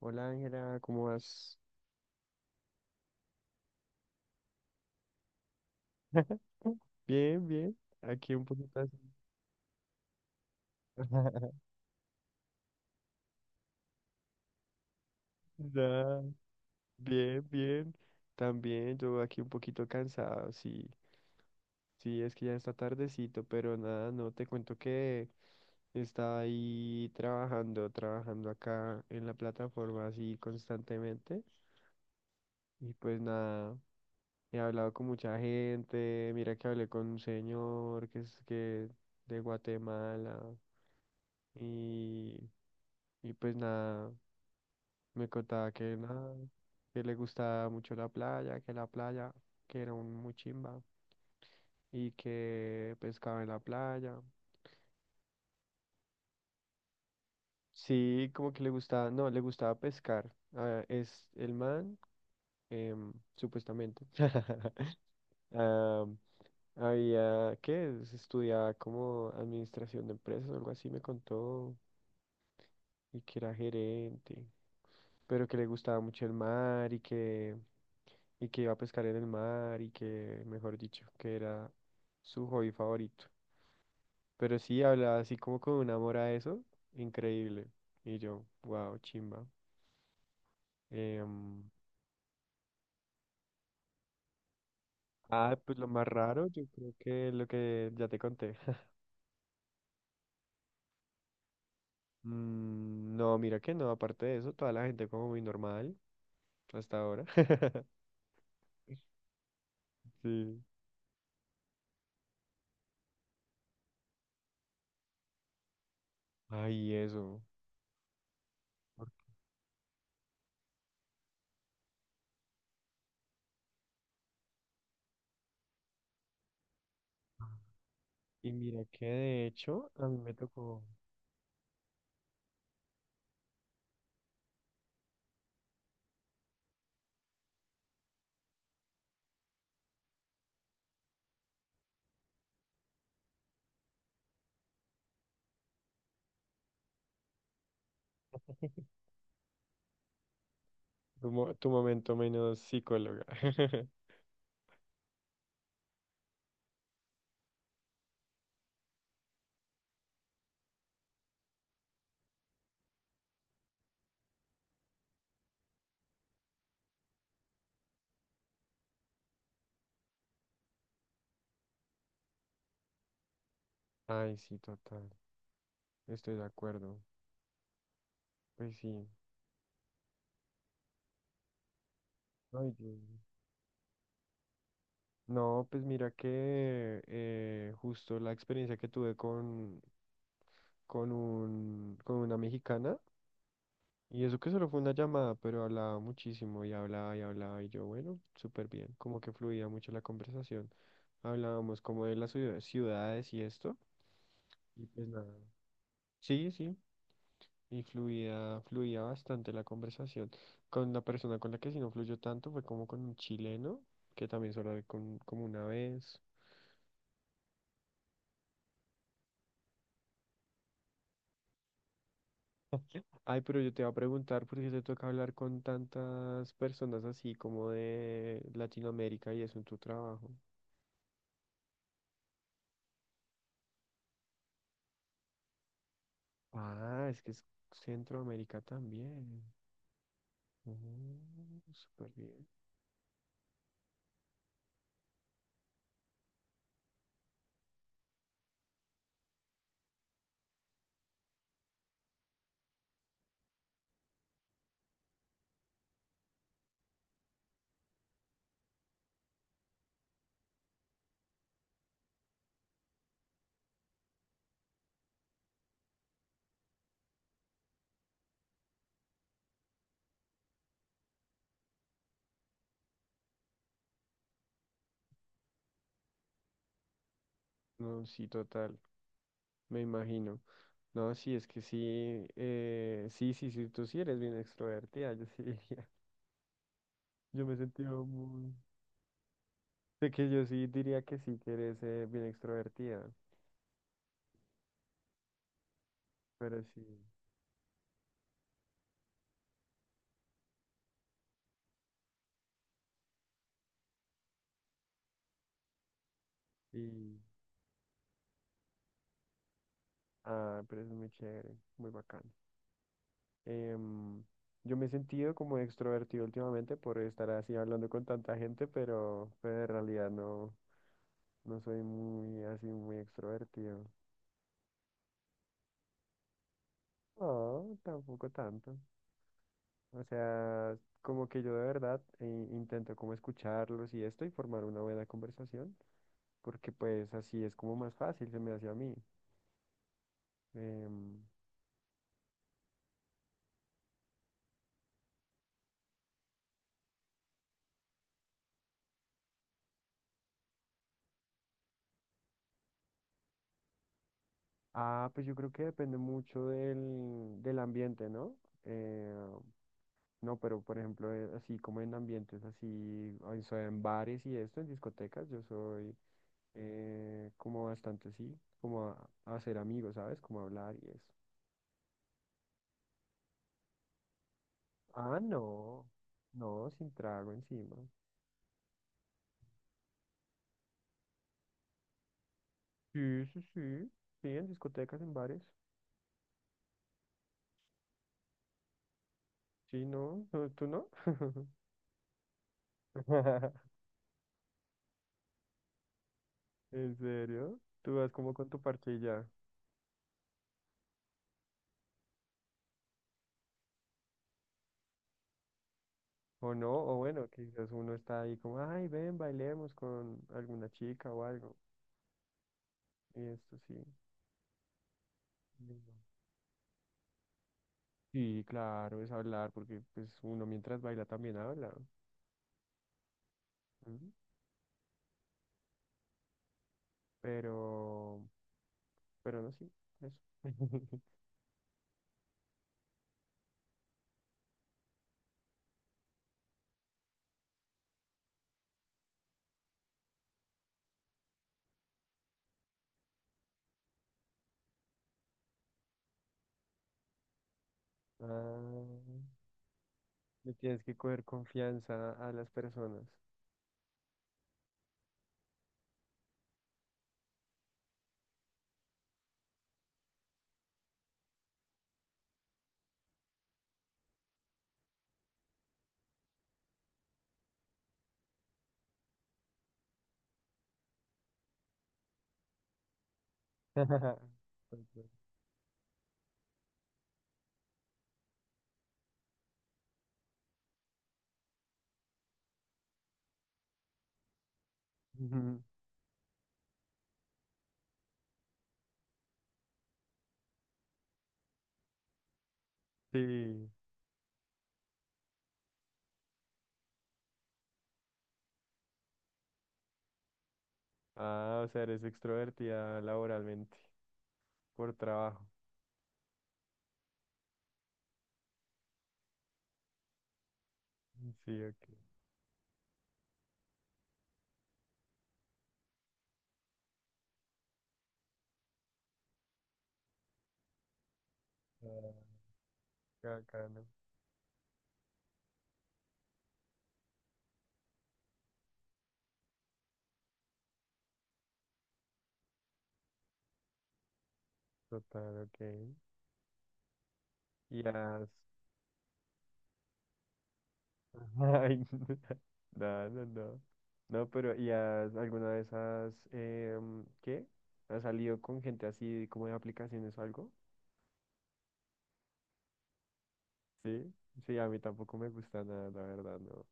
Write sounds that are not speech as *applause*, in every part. Hola Ángela, ¿cómo vas? *laughs* Bien, bien. Aquí un poquito así. *laughs* Ya, bien, bien. También yo aquí un poquito cansado, sí. Sí, es que ya está tardecito, pero nada, no te cuento que estaba ahí trabajando acá en la plataforma así constantemente. Y pues nada, he hablado con mucha gente. Mira que hablé con un señor que es que de Guatemala. Y Y pues nada, me contaba que nada, que le gustaba mucho la playa, que era un muy chimba y que pescaba en la playa. Sí, como que le gustaba, no, le gustaba pescar. Ah, es el man, supuestamente. *laughs* Ah, había, ¿qué? Estudiaba como administración de empresas o algo así, me contó. Y que era gerente, pero que le gustaba mucho el mar y que iba a pescar en el mar y que, mejor dicho, que era su hobby favorito. Pero sí hablaba así como con un amor a eso, increíble. Y yo, wow, chimba. Em, ah, pues lo más raro, yo creo que lo que ya te conté. *laughs* Mm, no, mira que no, aparte de eso, toda la gente como muy normal hasta ahora. *laughs* Sí. Ay, eso. ¿Por qué? Y mira que de hecho a mí me tocó tu momento menos psicóloga. *laughs* Ay, sí, total. Estoy de acuerdo. Pues sí. Ay, yo- No, pues mira que justo la experiencia que tuve con un, con una mexicana, y eso que solo fue una llamada, pero hablaba muchísimo y hablaba y hablaba y yo, bueno, súper bien, como que fluía mucho la conversación. Hablábamos como de las ciudades y esto, y pues nada. Sí, sí. Y fluía, fluía bastante la conversación. Con la persona con la que sí no fluyó tanto fue como con un chileno, que también solo hablé con, como una vez. *laughs* Ay, pero yo te iba a preguntar por qué te toca hablar con tantas personas así como de Latinoamérica y eso en tu trabajo. Ah, es que es Centroamérica también. Mm, súper bien. No, sí, total, me imagino. No, sí, es que sí, sí, sí, sí, tú sí eres bien extrovertida, yo sí. *laughs* Yo me sentía muy... De que yo sí diría que sí, que eres bien extrovertida, pero sí. Y, ah, pero es muy chévere, muy bacán. Em, yo me he sentido como extrovertido últimamente por estar así hablando con tanta gente, pero en realidad no, no soy muy así, muy extrovertido. No, tampoco tanto. O sea, como que yo de verdad intento como escucharlos y esto y formar una buena conversación, porque pues así es como más fácil se me hace a mí. Em, ah, pues yo creo que depende mucho del ambiente, ¿no? Eh, no, pero por ejemplo, así como en ambientes así, o sea, en bares y esto, en discotecas, yo soy como bastante así, como a hacer amigos, ¿sabes? Como a hablar y eso. Ah, no, no, sin trago encima. Sí, sí, sí, sí, en discotecas, en bares. Sí, no, no, ¿tú no? *laughs* ¿En serio? ¿Tú vas como con tu parche y ya? O no, o bueno, quizás uno está ahí como, ay, ven, bailemos con alguna chica o algo. Y esto sí. Mm. Sí, claro, es hablar, porque pues uno mientras baila también habla. Ujú. Pero, pero no, sí, eso. *laughs* Ah, le tienes que coger confianza a las personas. *laughs* Ujú. Sí. Ah, o sea, eres extrovertida laboralmente, por trabajo. Sí, ok. Ah, qué bacano. Total, ok. ¿Y has... *laughs* Ay, *laughs* no, no, no. No, pero ¿y has alguna vez has... em, ¿qué? ¿Has salido con gente así como de aplicaciones o algo? Sí, sí, a mí tampoco me gusta nada, la verdad, no.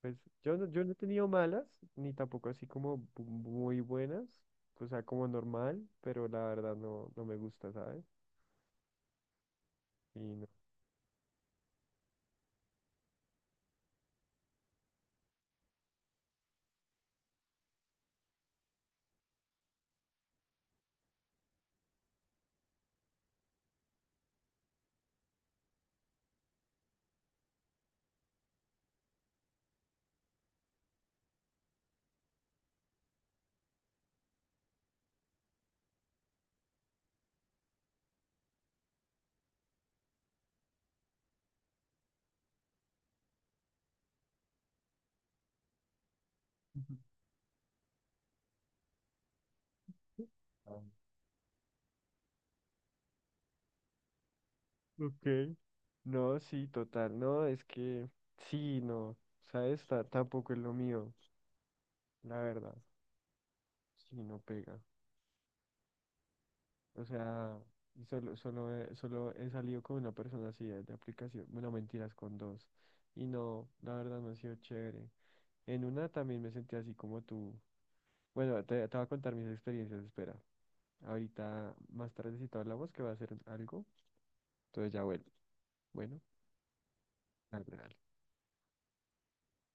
Pues yo no, yo no he tenido malas, ni tampoco así como muy buenas, o sea, como normal, pero la verdad no, no me gusta, ¿sabes? Y no. Ujú. Ah, ok, no, sí, total, no, es que sí, no, ¿sabes? Tampoco es lo mío, la verdad, sí, no pega. O sea, y solo, solo, solo he salido con una persona así de aplicación, bueno, mentiras, con dos, y no, la verdad no ha sido chévere. En una también me sentí así como tú. Bueno, te voy a contar mis experiencias, espera. Ahorita, más tardecito hablamos que va a ser algo, entonces ya vuelvo. Bueno, dale, dale.